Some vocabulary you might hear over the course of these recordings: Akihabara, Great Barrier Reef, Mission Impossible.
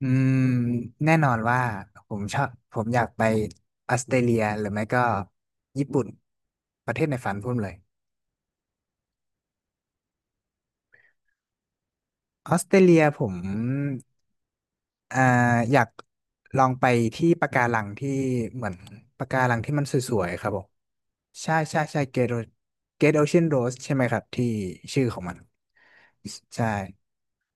อืมแน่นอนว่าผมชอบผมอยากไปออสเตรเลียหรือไม่ก็ญี่ปุ่นประเทศในฝันผมเลยออสเตรเลียผมอ่าอยากลองไปที่ปะการังที่เหมือนปะการังที่มันสวยๆครับผมใช่ใช่ใช่เกตเกตโอเชียนโรสใช่ไหมครับที่ชื่อของมันใช่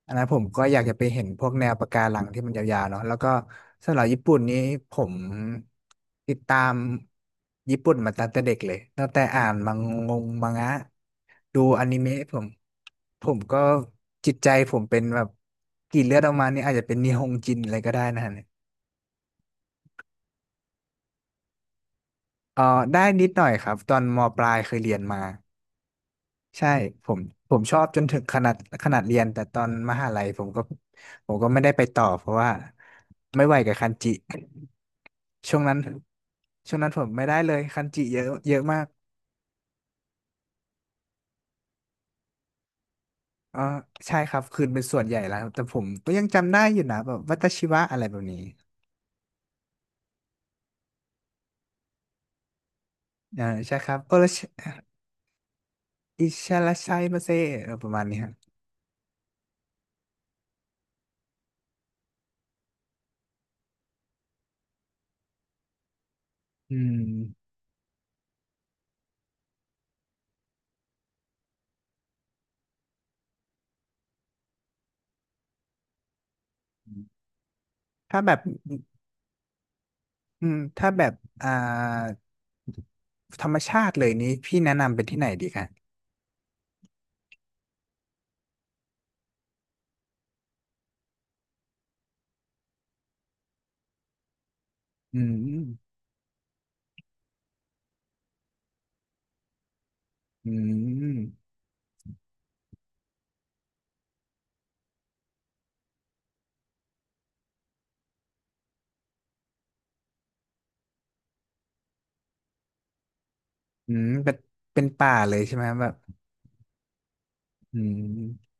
อันนั้นผมก็อยากจะไปเห็นพวกแนวปะการังที่มันยาวๆเนาะแล้วก็สำหรับญี่ปุ่นนี้ผมติดตามญี่ปุ่นมาตั้งแต่เด็กเลยตั้งแต่อ่านมังมังงะดูอนิเมะผมผมก็จิตใจผมเป็นแบบกรีดเลือดออกมานี่อาจจะเป็นนิฮงจินอะไรก็ได้นะฮะเนี่ยเออได้นิดหน่อยครับตอนมปลายเคยเรียนมาใช่ผมผมชอบจนถึงขนาดขนาดเรียนแต่ตอนมหาลัยผมก็ไม่ได้ไปต่อเพราะว่าไม่ไหวกับคันจิ ช่วงนั้นช่วงนั้นผมไม่ได้เลยคันจิเยอะเยอะมากอ๋อใช่ครับคืนเป็นส่วนใหญ่แล้วแต่ผมก็ยังจำได้อยู่นะแบบวัตชิวะอะไรแบบนี้อ่าใช่ครับโอรชอิชาราชัยมาเซเออประมาณนี้ครับอืมถ้าแบบถ้าแบบอ่าธรรมชาติเลยนี้พี่แนะนำเป็นที่ไหนดีคะอืมอืมเป็นเป็นป่าเลยใช่ไหมครับแบบอืม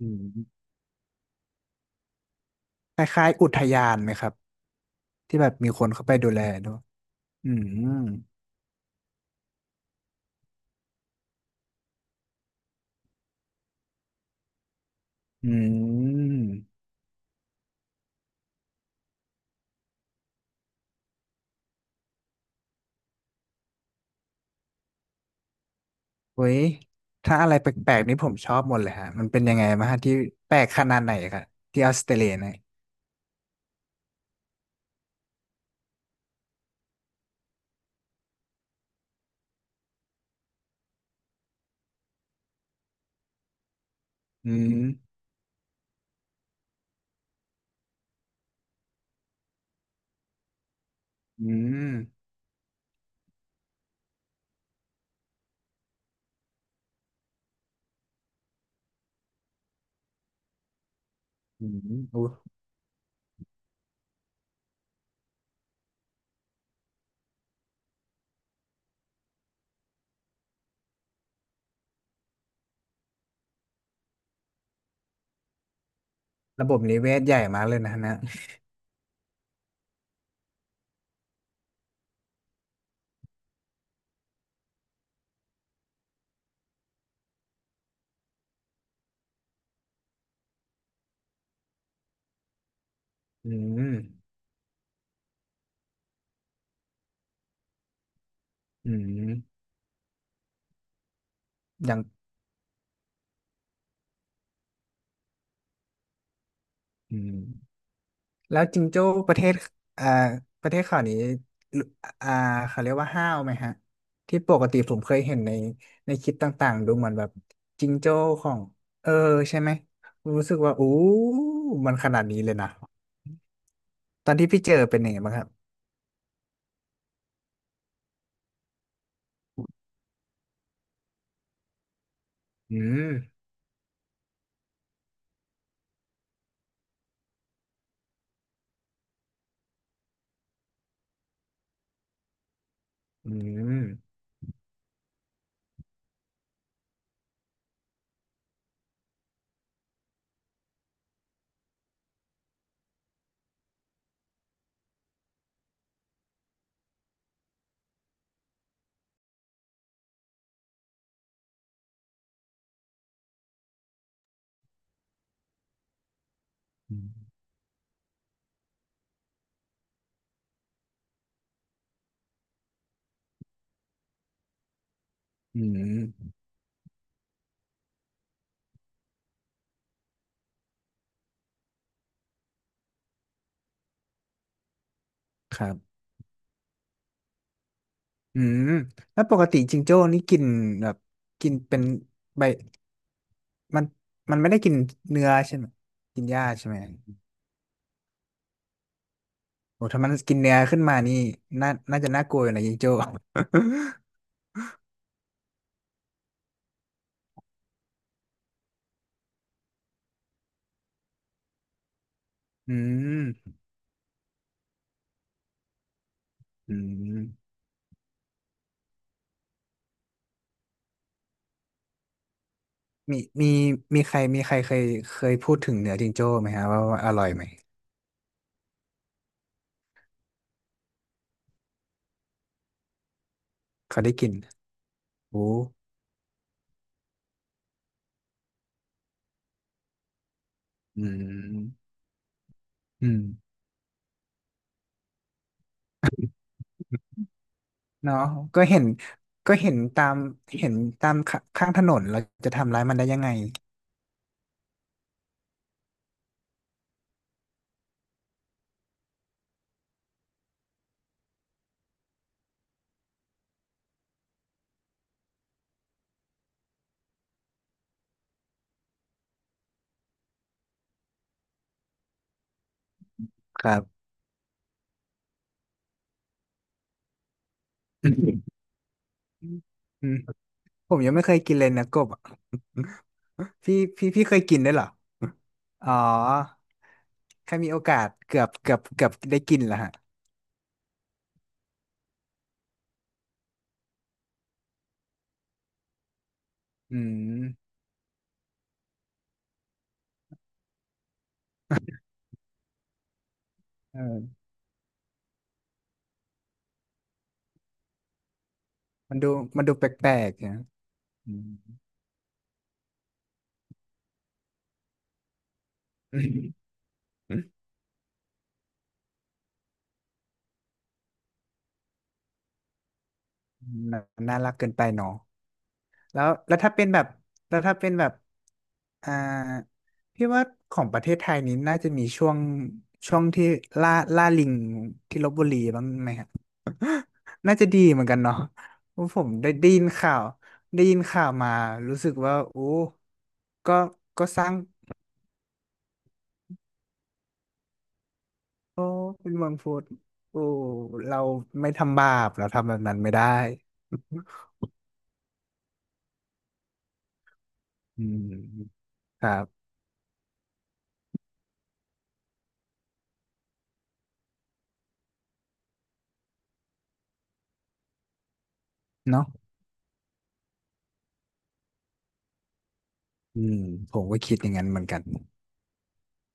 อืมคล้ายๆอุทยานไหมครับที่แบบมีคนเข้าไปดูแลด้วย อืมอืมเว้ยถ้าอะไรแปลกๆนี่ผมชอบหมดเลยฮะ มันเป็นยังไงมาฮะที่แปลกขนาดไหนครับที่ออสเตรเลียเนี่ยอืมอืมอืมโอ้ระบบนิเวศใหญ่มากเลยนะฮะนะอืมอืมยังอืม แล้วจิงโจ้ประเทศอ่าประเทศเขานี้ลุอ่าเขาเรียกว่าห้าวไหมฮะที่ปกติผมเคยเห็นในในคลิปต่างๆดูเหมือนแบบจิงโจ้ของเออใช่ไหมรู้สึกว่าอู้มันขนาดนี้เลยนะตอนที่พี่เจอเป็นยังไงบ้างครับอืมอืมอืมอืมครับอืมแล้วปกติจิงโจ้นี่กินแบบกินเป็นใบมันมันไม่ได้กินเนื้อใช่ไหมกินหญ้าใช่ไหม โอ้ถ้ามันกินเนื้อขึ้นมานี่ น่าน่าจะน่ากลัวอยู่นะยิงโจ้ อืมอืมมีมีใครเคยเคยพูดถึงเนื้อจิงโจ้ไหมฮะว่าว่าอร่อยไหมเขาได้กินโอ้อืมอืมเนาะก็เห็นก็เห็นตามเห็นตามขข้างถนนเราจะทำร้ายมันได้ยังไงครับ อืมอืมผมยังไม่เคยกินเลยนะกบอะ พี่พี่พี่เคยกินได้วยเหรอ อ๋อแค่มีโอกาสเกือบเกือบเกือบได้กินแล้วฮะอืมเออมันดูมันดูแปลกๆนะอืมอื นาน่ารักเกินไปเนาะแล้วแล้วถ้าเป็นแบบแล้วถ้าเป็นแบบอ่าพี่ว่าของประเทศไทยนี้น่าจะมีช่วงช่วงที่ล่าล่าลิงที่ลพบุรีบ้างไหมครับน่าจะดีเหมือนกันเนาะเพราะผมได้ได้ยินข่าวได้ยินข่าวมารู้สึกว่าโอ้ก็ก็สร้าง โอ้เป็นมังคุดโอ้เราไม่ทำบาปเราทำแบบนั้นไม่ได้ อืมครับเนาะอืมผมก็คิดอย่างนั้นเหมือนกัน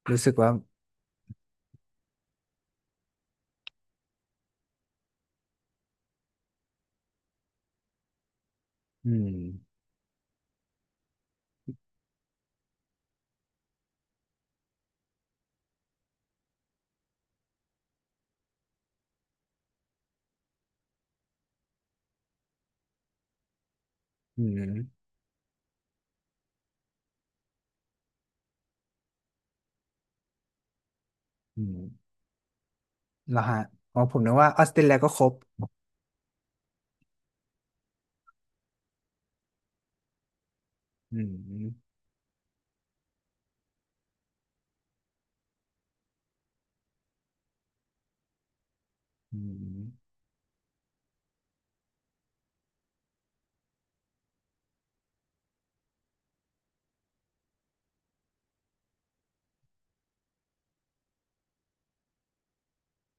รู้สึกว่าอืมอืมอืมแล้วฮะอ๋อผมนึกว่าออสเตรเลียก็ครบอืมอืม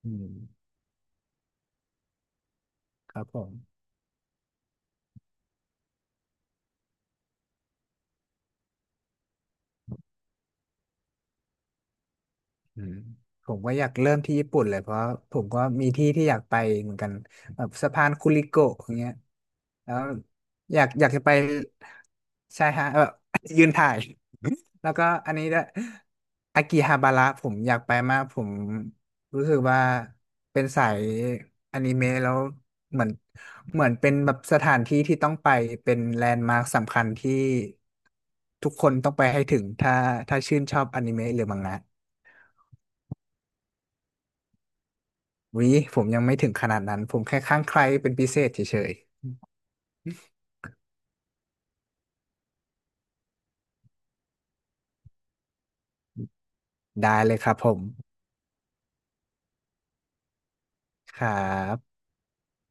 อืมครับผมอืมผมก็อยากเริ่มที่ญี่ปุ่นเลยเพราะผมก็มีที่ที่อยากไปเหมือนกันแบบสะพานคุริโกะอย่างเงี้ยแล้วอยากอยากจะไป ใช่ฮะแบบ ยืนถ่ายแล้วก็อันนี้ด้วยอากิฮาบาระผมอยากไปมากผมรู้สึกว่าเป็นสายอนิเมะแล้วเหมือนเหมือนเป็นแบบสถานที่ที่ต้องไปเป็นแลนด์มาร์คสำคัญที่ทุกคนต้องไปให้ถึงถ้าถ้าชื่นชอบอนิเมะหรือมังงะวิผมยังไม่ถึงขนาดนั้นผมแค่ข้างใครเป็นพิเศษเฉยๆได้เลยครับผมครับ